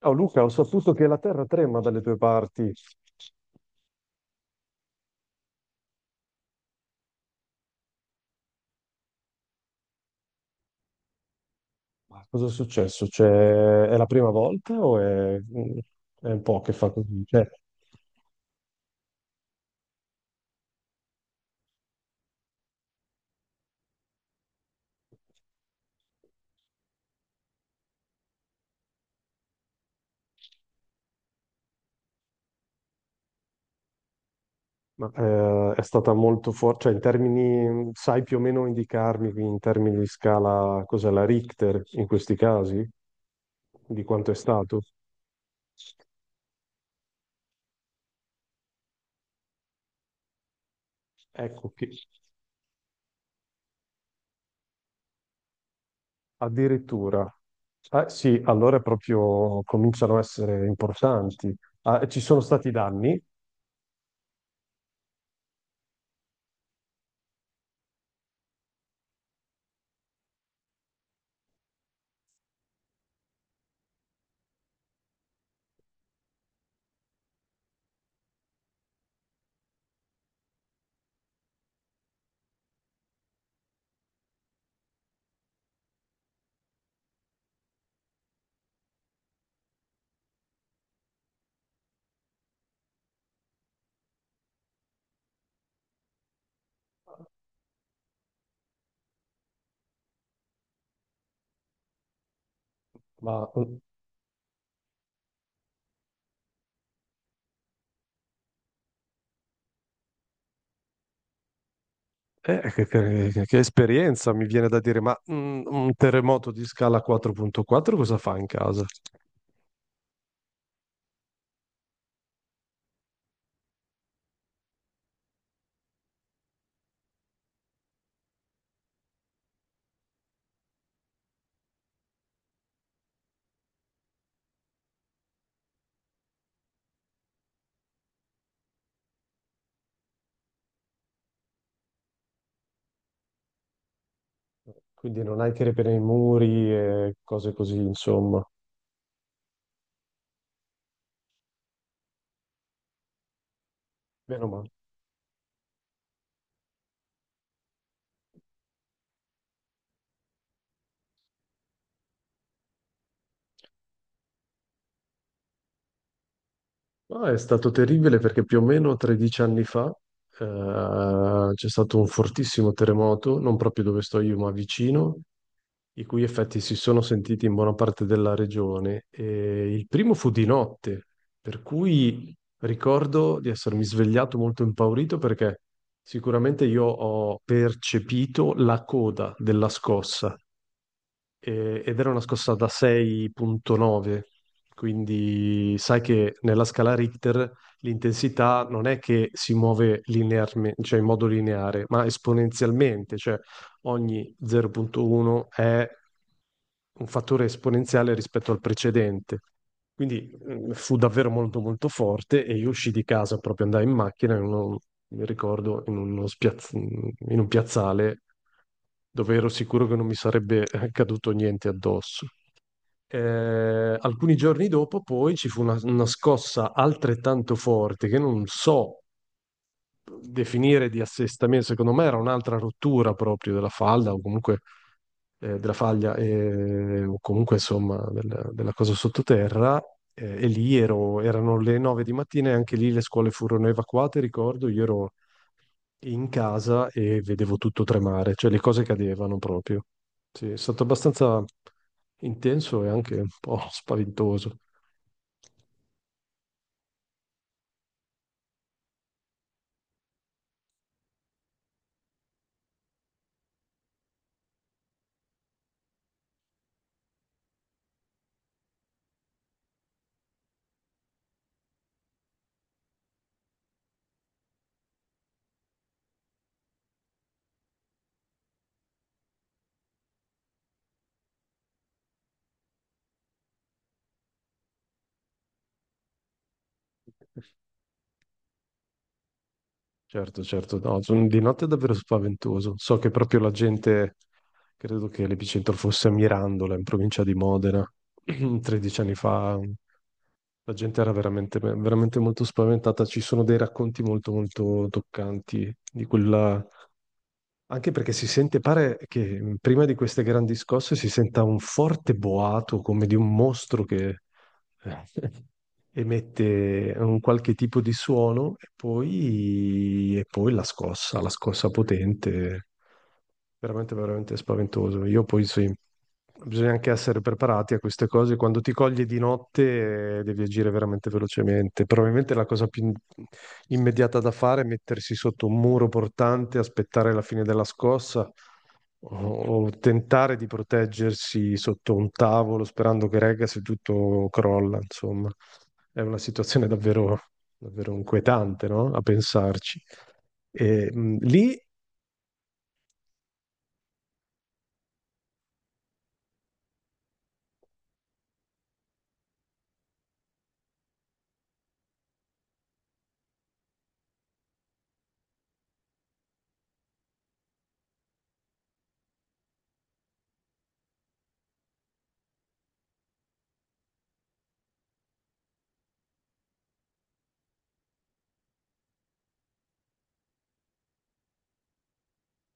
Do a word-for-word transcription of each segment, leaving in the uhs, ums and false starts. Ciao Luca, ho saputo che la terra trema dalle tue parti. Ma cosa è successo? Cioè, è la prima volta o è, è un po' che fa così? Cioè, ma, eh, è stata molto forte, cioè in termini, sai più o meno indicarmi in termini di scala cos'è la Richter in questi casi? Di quanto è stato? Ecco che addirittura, eh sì, allora proprio cominciano a essere importanti. Ah, ci sono stati danni, ma eh, che, che- che esperienza mi viene da dire, ma mm, un terremoto di scala quattro virgola quattro cosa fa in casa? Quindi non hai tiri per i muri e cose così, insomma. Meno male. No, è stato terribile perché più o meno tredici anni fa eh, c'è stato un fortissimo terremoto, non proprio dove sto io, ma vicino, i cui effetti si sono sentiti in buona parte della regione. E il primo fu di notte, per cui ricordo di essermi svegliato molto impaurito perché sicuramente io ho percepito la coda della scossa e- ed era una scossa da sei virgola nove, quindi sai che nella scala Richter l'intensità non è che si muove linearmente, cioè in modo lineare, ma esponenzialmente, cioè ogni zero virgola uno è un fattore esponenziale rispetto al precedente. Quindi mm, fu davvero molto molto forte e io uscii di casa, proprio andai in macchina, in uno- mi ricordo, in uno spiaz- in un piazzale dove ero sicuro che non mi sarebbe eh, caduto niente addosso. Eh, alcuni giorni dopo, poi ci fu una, una scossa altrettanto forte che non so definire di assestamento, secondo me era un'altra rottura proprio della falda o comunque eh, della faglia eh, o comunque insomma del- della cosa sottoterra. Eh, e lì ero, erano le nove di mattina e anche lì le scuole furono evacuate, ricordo, io ero in casa e vedevo tutto tremare, cioè le cose cadevano proprio. Sì, è stato abbastanza intenso e anche un po' spaventoso. Certo, certo, no, sono- di notte è davvero spaventoso. So che proprio la gente, credo che l'epicentro fosse a Mirandola, in provincia di Modena, tredici anni fa. La gente era veramente, veramente molto spaventata. Ci sono dei racconti molto, molto toccanti di quella. Anche perché si sente, pare che mh, prima di queste grandi scosse si senta un forte boato come di un mostro che emette un qualche tipo di suono e poi, e poi la scossa, la scossa potente, veramente, veramente spaventoso. Io poi sì, bisogna anche essere preparati a queste cose. Quando ti coglie di notte, eh, devi agire veramente velocemente. Probabilmente la cosa più in- immediata da fare è mettersi sotto un muro portante, aspettare la fine della scossa o, o tentare di proteggersi sotto un tavolo sperando che regga se tutto crolla. Insomma, è una situazione davvero, davvero inquietante, no? A pensarci. E, mh, lì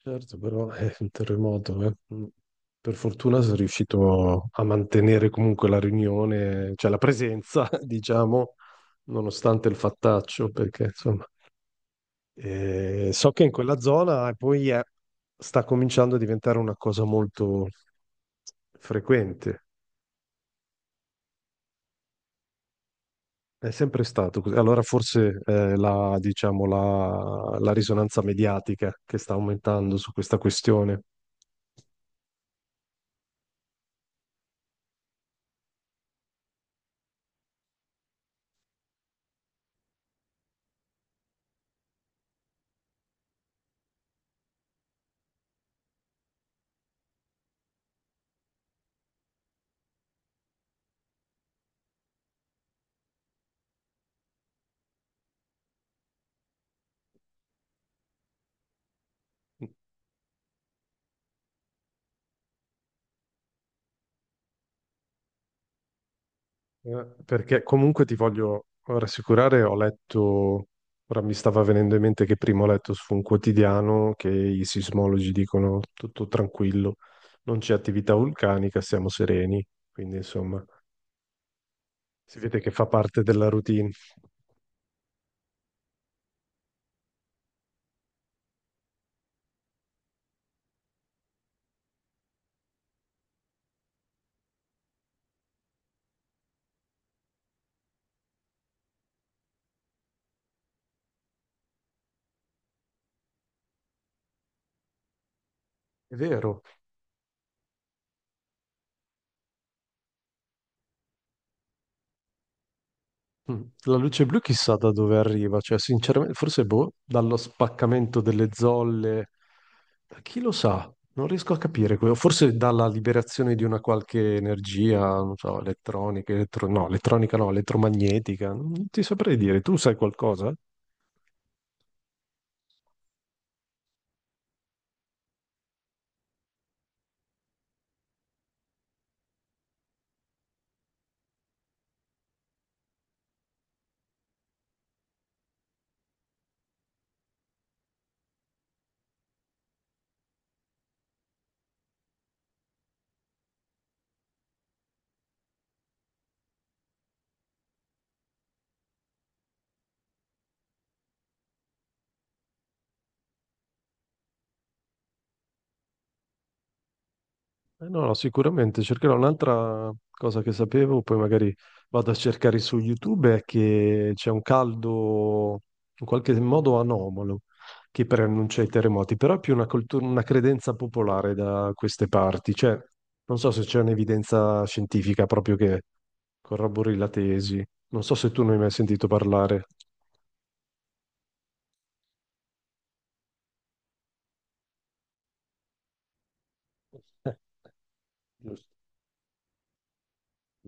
certo, però è un terremoto. Eh. Mm. Per fortuna sono riuscito a mantenere comunque la riunione, cioè la presenza, diciamo, nonostante il fattaccio, perché insomma, eh, so che in quella zona eh, poi è- sta cominciando a diventare una cosa molto frequente. È sempre stato così. Allora forse eh, la, diciamo, la la risonanza mediatica che sta aumentando su questa questione. Eh, Perché comunque ti voglio rassicurare, ho letto, ora mi stava venendo in mente che prima ho letto su un quotidiano che i sismologi dicono tutto tranquillo, non c'è attività vulcanica, siamo sereni, quindi insomma si vede che fa parte della routine. È vero. Mm. La luce blu chissà da dove arriva, cioè sinceramente forse boh, dallo spaccamento delle zolle, da chi lo sa, non riesco a capire, quello. Forse dalla liberazione di una qualche energia, non so, elettronica, elettro- no, elettronica no, elettromagnetica, non ti saprei dire, tu sai qualcosa? Eh, No, no, sicuramente cercherò un'altra cosa che sapevo, poi magari vado a cercare su YouTube, è che c'è un caldo in qualche modo anomalo che preannuncia i terremoti, però è più una, coltu- una credenza popolare da queste parti, cioè non so se c'è un'evidenza scientifica proprio che corrobori la tesi, non so se tu ne hai mai sentito parlare. Eh, giusto.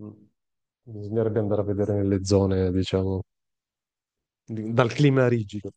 Mm. Bisognerebbe andare a vedere nelle zone, diciamo, di- dal clima rigido.